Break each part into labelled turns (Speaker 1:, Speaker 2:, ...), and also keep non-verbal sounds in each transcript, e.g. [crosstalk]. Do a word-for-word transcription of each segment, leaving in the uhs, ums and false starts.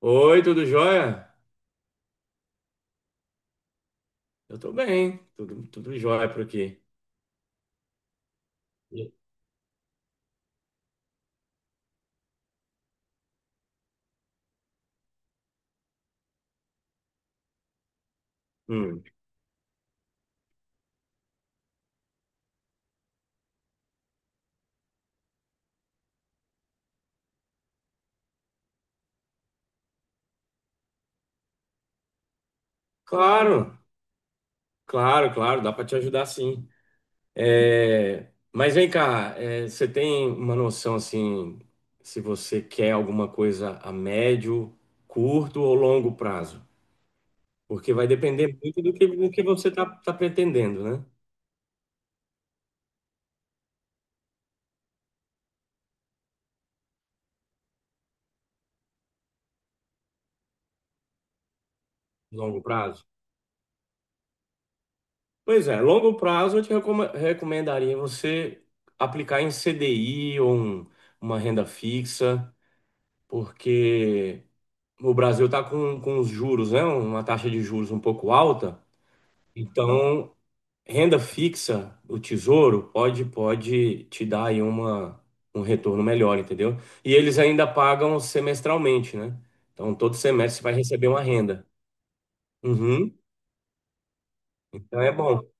Speaker 1: Oi, tudo jóia? Eu tô bem, tudo, tudo jóia por aqui. Hum, Claro, claro, claro, dá para te ajudar sim. É, mas vem cá, é, você tem uma noção assim, se você quer alguma coisa a médio, curto ou longo prazo? Porque vai depender muito do que, do que você tá, tá pretendendo, né? Longo prazo. Pois é, longo prazo eu te recoma- recomendaria você aplicar em C D I ou um- uma renda fixa. Porque o Brasil está com, com os juros, né? Uma taxa de juros um pouco alta. Então, renda fixa, o Tesouro, pode, pode te dar aí uma, um retorno melhor, entendeu? E eles ainda pagam semestralmente, né? Então, todo semestre você vai receber uma renda. Uhum, então é bom.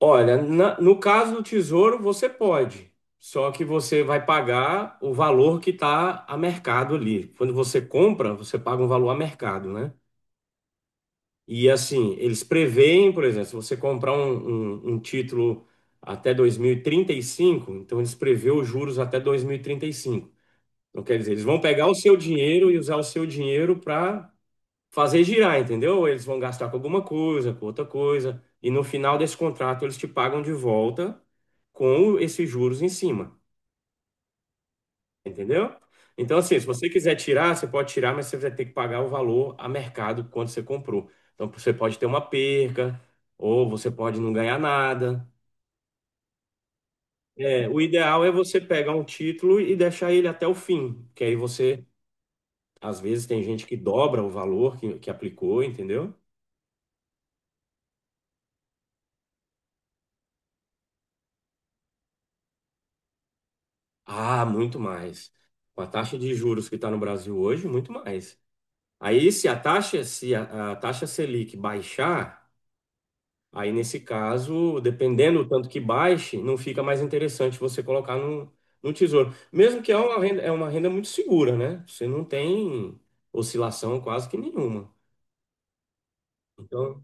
Speaker 1: Olha, na- no caso do Tesouro, você pode. Só que você vai pagar o valor que está a mercado ali. Quando você compra, você paga um valor a mercado, né? E assim, eles preveem, por exemplo, se você comprar um, um, um título até dois mil e trinta e cinco, então eles prevê os juros até dois mil e e trinta e cinco. Então, quer dizer, eles vão pegar o seu dinheiro e usar o seu dinheiro para fazer girar, entendeu? Eles vão gastar com alguma coisa, com outra coisa, e no final desse contrato eles te pagam de volta com esses juros em cima. Entendeu? Então, assim, se você quiser tirar, você pode tirar, mas você vai ter que pagar o valor a mercado quando você comprou. Então, você pode ter uma perca, ou você pode não ganhar nada. É, o ideal é você pegar um título e deixar ele até o fim, que aí você, às vezes, tem gente que dobra o valor que, que aplicou, entendeu? Ah, muito mais. Com a taxa de juros que está no Brasil hoje, muito mais. Aí, se a taxa, se a, a taxa Selic baixar, aí, nesse caso, dependendo do tanto que baixe, não fica mais interessante você colocar no, no tesouro. Mesmo que é uma renda, é uma renda muito segura, né? Você não tem oscilação quase que nenhuma. Então,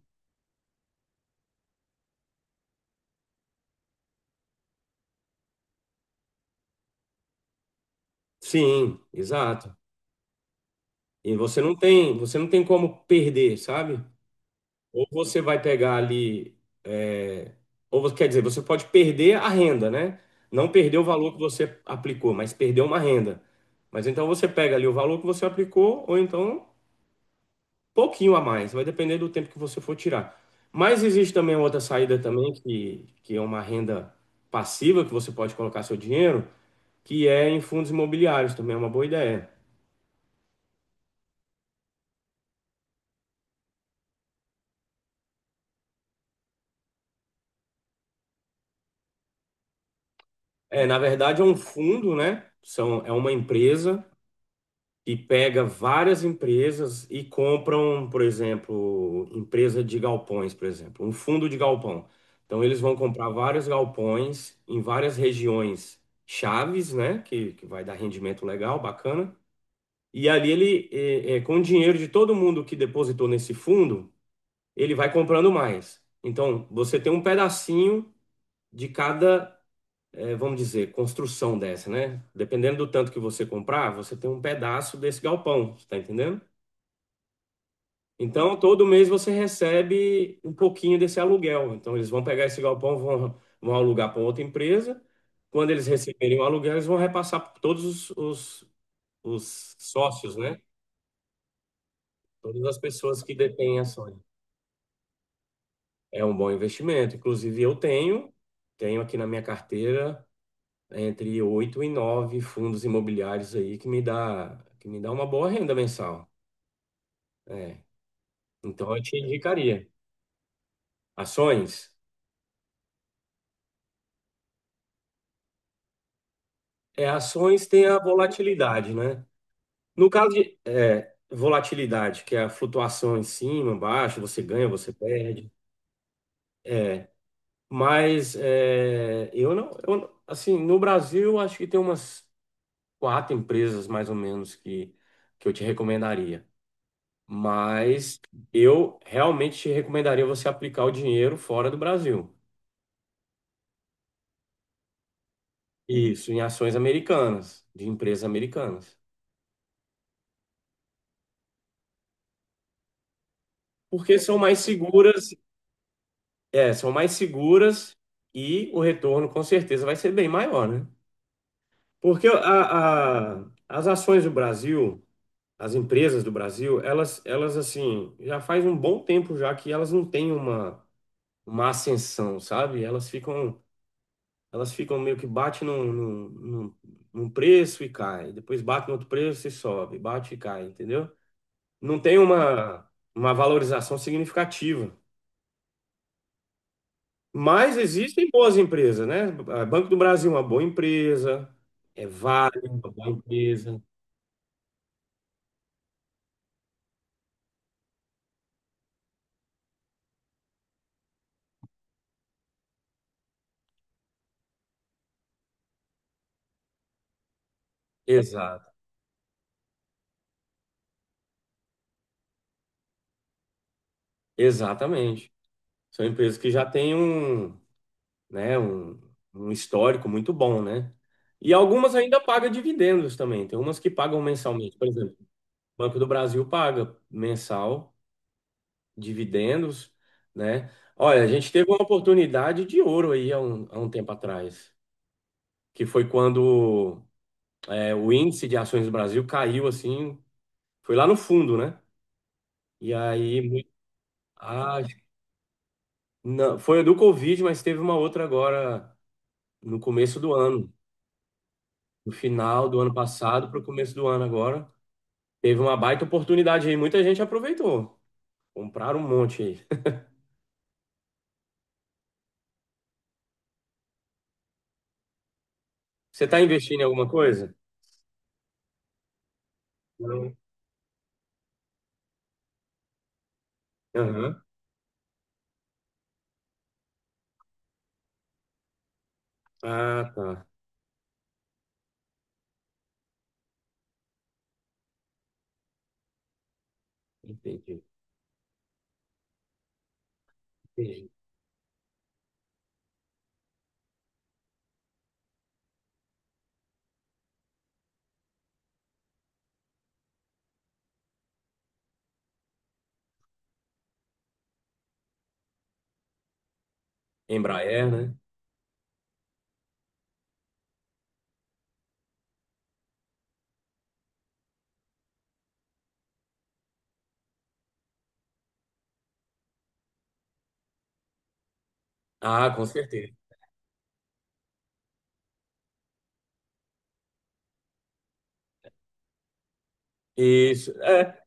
Speaker 1: sim, exato. E você não tem, você não tem como perder, sabe? Ou você vai pegar ali, é, ou você- quer dizer, você pode perder a renda, né? Não perder o valor que você aplicou, mas perder uma renda. Mas então você pega ali o valor que você aplicou, ou então pouquinho a mais, vai depender do tempo que você for tirar. Mas existe também outra saída também, que, que é uma renda passiva que você pode colocar seu dinheiro, que é em fundos imobiliários, também é uma boa ideia. É, na verdade, é um fundo, né? São, é uma empresa que pega várias empresas e compram, por exemplo, empresa de galpões, por exemplo, um fundo de galpão. Então, eles vão comprar vários galpões em várias regiões chaves, né? Que, que vai dar rendimento legal, bacana. E ali ele, é, é, com o dinheiro de todo mundo que depositou nesse fundo, ele vai comprando mais. Então, você tem um pedacinho de cada, é, vamos dizer, construção dessa, né? Dependendo do tanto que você comprar, você tem um pedaço desse galpão, você tá entendendo? Então, todo mês você recebe um pouquinho desse aluguel. Então, eles vão pegar esse galpão, vão, vão alugar para outra empresa. Quando eles receberem o aluguel, eles vão repassar para todos os, os os sócios, né? Todas as pessoas que detêm ações. É um bom investimento. Inclusive, eu tenho, tenho aqui na minha carteira entre oito e nove fundos imobiliários aí que me dá, que me dá uma boa renda mensal. É. Então, eu te indicaria. Ações? É, ações tem a volatilidade, né? No caso de é, volatilidade, que é a flutuação em cima, baixo, você ganha, você perde. Mas é, eu não, eu não- assim, no Brasil, acho que tem umas quatro empresas mais ou menos que, que eu te recomendaria. Mas eu realmente te recomendaria você aplicar o dinheiro fora do Brasil. Isso, em ações americanas, de empresas americanas. Porque são mais seguras, é, são mais seguras e o retorno com certeza vai ser bem maior, né? Porque a, a- as ações do Brasil, as empresas do Brasil, elas, elas assim, já faz um bom tempo já que elas não têm uma, uma ascensão, sabe? Elas ficam Elas ficam meio que bate num, num, num, num preço e cai, depois bate no outro preço e sobe, bate e cai, entendeu? Não tem uma, uma valorização significativa. Mas existem boas empresas, né? Ah, Banco do Brasil é uma boa empresa, é Vale, é uma boa empresa. Exato, exatamente. São empresas que já têm um, né, um, um histórico muito bom, né? E algumas ainda pagam dividendos também. Tem umas que pagam mensalmente. Por exemplo, Banco do Brasil paga mensal, dividendos, né? Olha, a gente teve uma oportunidade de ouro aí há um, há um tempo atrás, que foi quando é, o índice de ações do Brasil caiu assim, foi lá no fundo, né? E aí, mu- ah, não, foi a do Covid, mas teve uma outra agora no começo do ano, no final do ano passado para o começo do ano agora. Teve uma baita oportunidade aí, muita gente aproveitou. Compraram um monte aí. [laughs] Você está investindo em alguma coisa? Não. Aham. Ah, tá. Entendi. Entendi. Embraer, né? Ah, com certeza. Isso. É,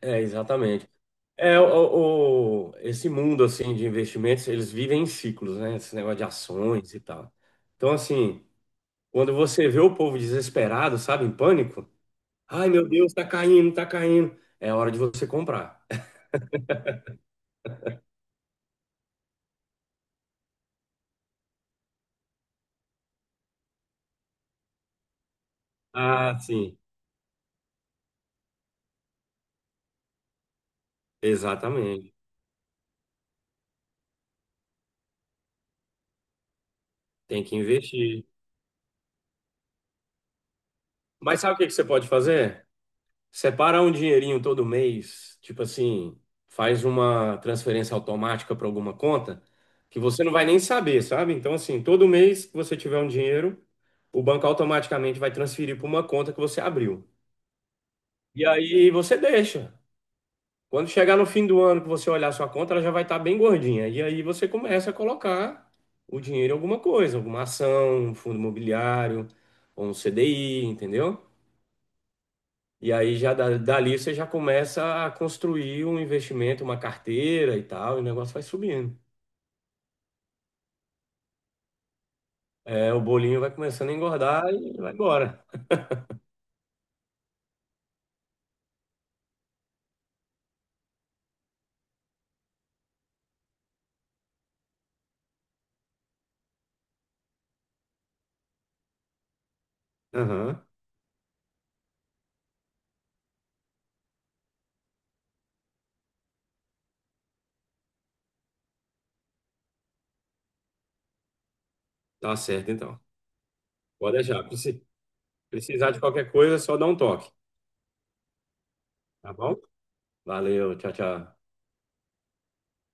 Speaker 1: é, exatamente. É, o, o- esse mundo, assim, de investimentos, eles vivem em ciclos, né? Esse negócio de ações e tal. Então, assim, quando você vê o povo desesperado, sabe, em pânico, ai, meu Deus, tá caindo, tá caindo. É hora de você comprar. Ah, sim. Exatamente. Tem que investir. Mas sabe o que que você pode fazer? Separa um dinheirinho todo mês, tipo assim, faz uma transferência automática para alguma conta que você não vai nem saber, sabe? Então, assim, todo mês que você tiver um dinheiro, o banco automaticamente vai transferir para uma conta que você abriu. E aí você deixa. Quando chegar no fim do ano que você olhar sua conta, ela já vai estar bem gordinha. E aí você começa a colocar o dinheiro em alguma coisa, alguma ação, um fundo imobiliário, ou um C D I, entendeu? E aí já da- dali você já começa a construir um investimento, uma carteira e tal, e o negócio vai subindo. É, o bolinho vai começando a engordar e vai embora. Aham, tá certo então. Pode deixar. Preci- Precisar de qualquer coisa, é só dar um toque, tá bom? Valeu, tchau, tchau.